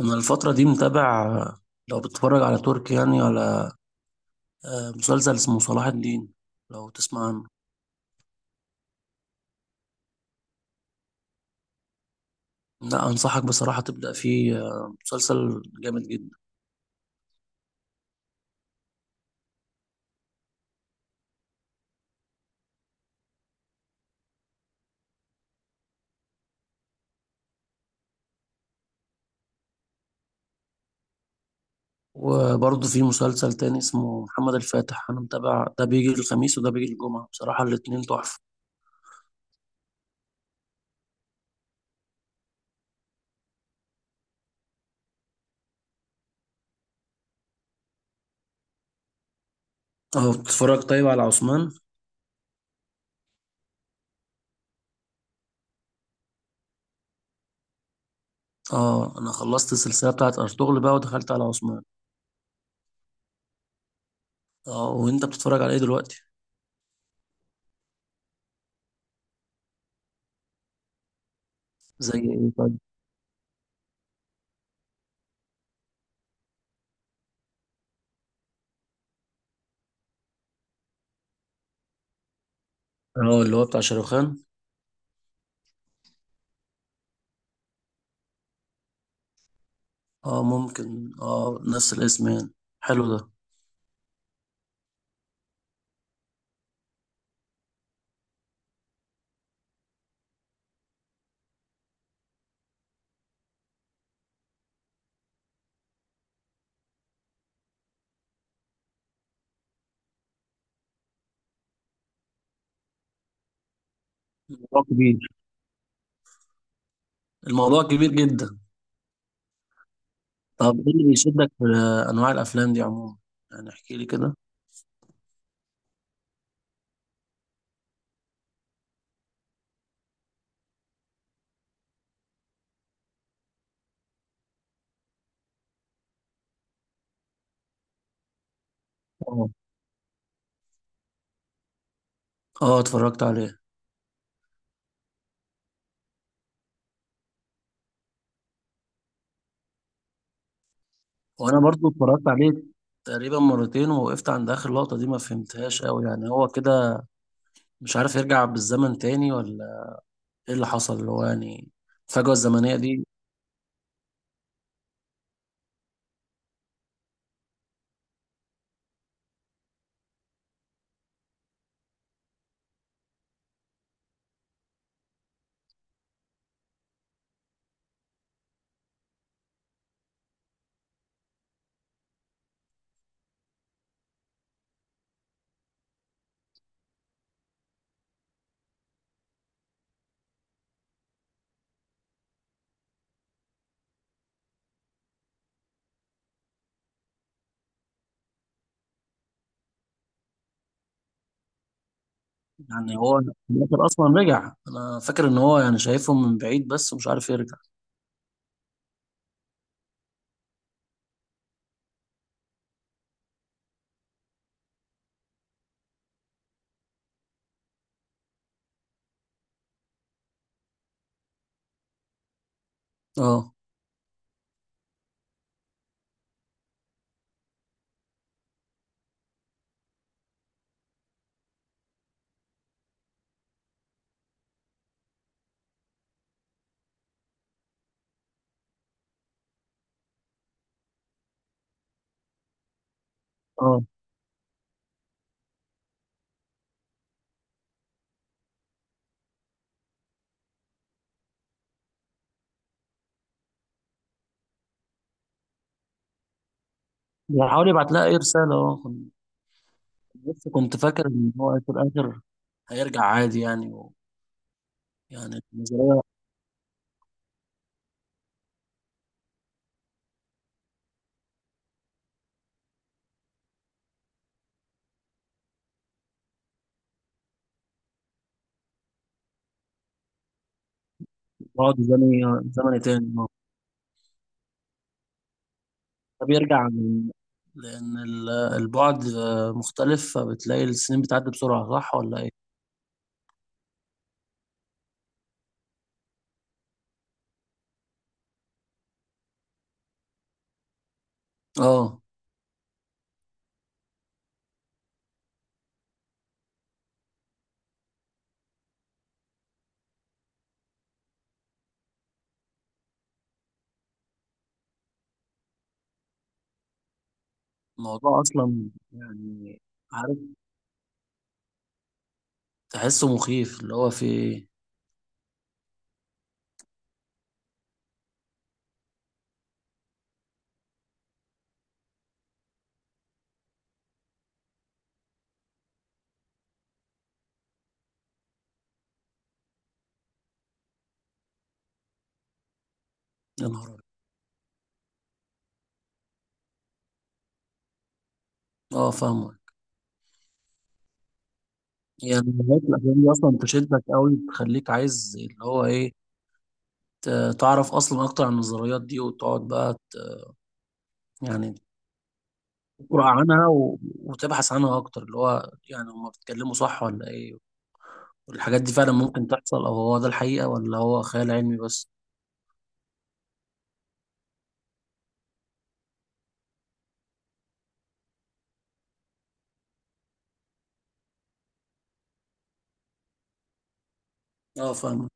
انا الفتره دي متابع. لو بتتفرج على تركي، يعني على، مسلسل اسمه صلاح الدين، لو تسمع عنه. لا، انصحك بصراحه تبدا فيه. مسلسل جامد جدا. وبرضه في مسلسل تاني اسمه محمد الفاتح، انا متابع. ده بيجي الخميس وده بيجي الجمعه. بصراحه الاتنين تحفه. اه، بتتفرج طيب على عثمان؟ اه، انا خلصت السلسله بتاعت ارطغرل بقى ودخلت على عثمان. اه، وانت بتتفرج على ايه دلوقتي؟ زي ايه طيب؟ اه، اللي هو بتاع شاروخان. اه، ممكن، اه، نفس الاسم يعني. حلو ده. موضوع كبير. الموضوع كبير جدا. طب ايه اللي بيشدك في انواع الافلام دي عموما؟ يعني احكي لي كده. اه، اه، اتفرجت عليه. وانا برضو اتفرجت عليه تقريبا مرتين، ووقفت عند اخر لقطة دي ما فهمتهاش قوي. يعني هو كده مش عارف يرجع بالزمن تاني ولا ايه اللي حصل؟ اللي هو يعني الفجوة الزمنية دي. يعني هو في الاخر اصلا رجع؟ انا فاكر ان هو يعني شايفهم من بعيد بس ومش عارف يرجع. اه، اه، بيحاول يبعت لها اي رسالة، اه كنت. بس كنت فاكر ان هو في الاخر هيرجع عادي يعني. يعني النظرية، البعد زمني، زمني تاني، اه. ده بيرجع من، لأن البعد مختلف، فبتلاقي السنين بتعدي بسرعة، صح ولا إيه؟ اه، الموضوع أصلا يعني، عارف، تحسه مخيف اللي هو في إيه؟ يا نهار أبيض. اه، فاهمة. يعني نهاية الأفلام دي أصلا تشدك أوي، تخليك عايز اللي هو إيه؟ تعرف أصلا أكتر عن النظريات دي وتقعد بقى يعني تقرأ عنها، وتبحث عنها أكتر، اللي هو يعني هما بيتكلموا صح ولا إيه؟ الحاجات دي فعلا ممكن تحصل، او هو ده الحقيقة، ولا هو خيال علمي بس؟ اه، فاهمك.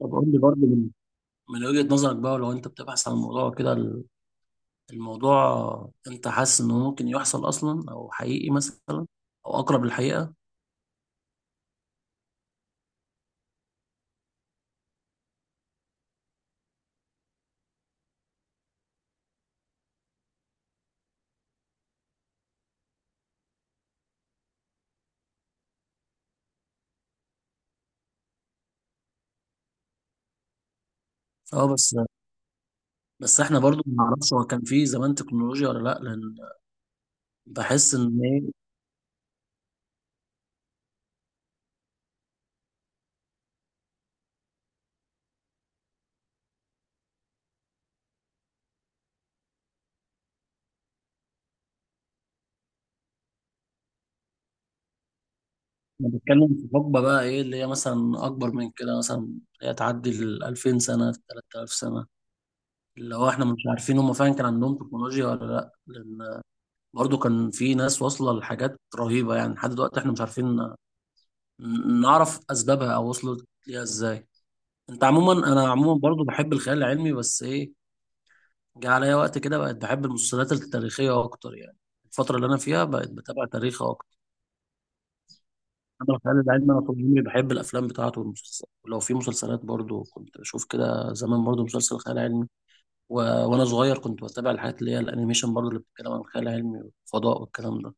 طب قول لي برضه، من وجهة نظرك بقى، لو انت بتبحث عن الموضوع كده، الموضوع، انت حاسس انه ممكن يحصل اصلا، او حقيقي مثلا، او اقرب للحقيقة؟ اه بس. بس احنا برضه ما نعرفش هو كان في زمان تكنولوجيا ولا لا، لان بحس ان ايه، احنا بنتكلم في حقبة بقى ايه اللي هي مثلا اكبر من كده، مثلا اللي هي تعدي ال 2000 سنة 3000 سنة، اللي هو احنا مش عارفين هم فعلا كان عندهم تكنولوجيا ولا لا، لان برضو كان في ناس واصلة لحاجات رهيبة، يعني لحد دلوقتي احنا مش عارفين نعرف اسبابها او وصلت ليها ازاي. انت عموما، انا عموما برضو بحب الخيال العلمي، بس ايه، جه عليا وقت كده بقت بحب المسلسلات التاريخية اكتر يعني. الفترة اللي انا فيها بقت بتابع تاريخ اكتر. انا الخيال العلمي، انا طول عمري بحب الافلام بتاعته والمسلسلات، ولو في مسلسلات برضو كنت بشوف كده زمان برضو مسلسل خيال علمي. وانا صغير كنت بتابع الحاجات اللي هي الانيميشن، برضو اللي بتتكلم عن الخيال العلمي والفضاء والكلام ده.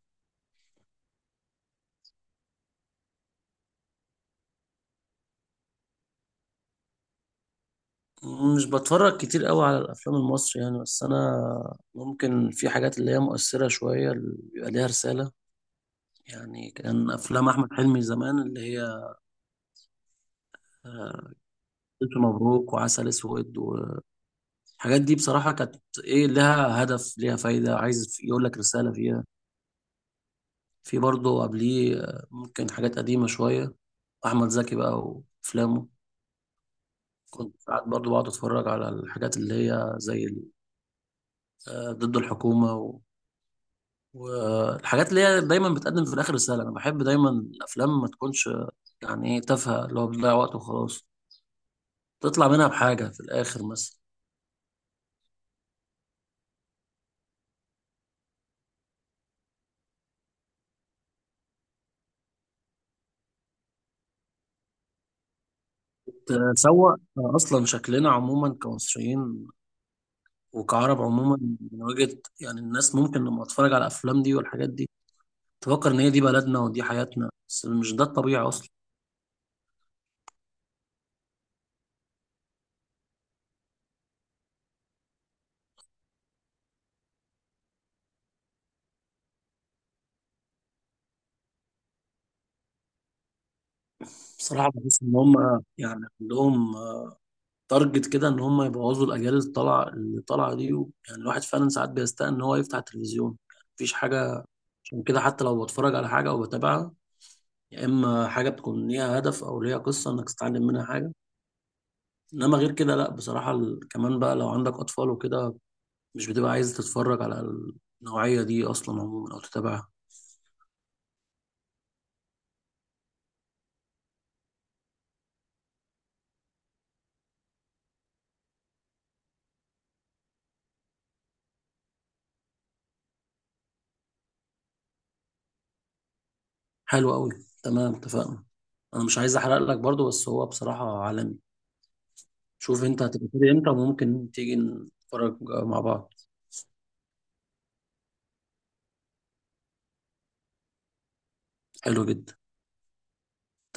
مش بتفرج كتير قوي على الافلام المصري يعني. بس انا ممكن في حاجات اللي هي مؤثره شويه، اللي بيبقى ليها رساله. يعني كان افلام احمد حلمي زمان اللي هي، آه، الف مبروك وعسل اسود، والحاجات دي بصراحه كانت ايه، لها هدف، ليها فايده، عايز يقول لك رساله فيها. في برضه قبليه، ممكن حاجات قديمه شويه، احمد زكي بقى وافلامه. كنت ساعات برضه بقعد اتفرج على الحاجات اللي هي زي ضد الحكومه، والحاجات اللي هي دايما بتقدم في الاخر رساله. انا بحب دايما الافلام ما تكونش يعني ايه، تافهه اللي هو بتضيع وقت وخلاص. تطلع منها بحاجه في الاخر مثلا. تسوق اصلا شكلنا عموما كمصريين، وكعرب عموما. من وجهه يعني، الناس ممكن لما تتفرج على الافلام دي والحاجات دي تفكر ان هي دي بلدنا ودي حياتنا، بس مش ده الطبيعي اصلا. بصراحه بحس ان هم يعني عندهم تارجت كده، ان هم يبوظوا الاجيال اللي طالعه دي. يعني الواحد فعلا ساعات بيستاء ان هو يفتح التلفزيون مفيش حاجه. عشان كده حتى لو بتفرج على حاجة أو بتابعها، يا إما حاجة بتكون ليها هدف أو ليها قصة إنك تتعلم منها حاجة. إنما غير كده لأ، بصراحة، كمان بقى لو عندك أطفال وكده مش بتبقى عايز تتفرج على النوعية دي أصلا عموما أو تتابعها. حلو أوي، تمام اتفقنا. أنا مش عايز أحرق لك برضو، بس هو بصراحة عالمي. شوف أنت هتبقى فاضي إمتى وممكن تيجي نتفرج مع بعض. حلو جدا.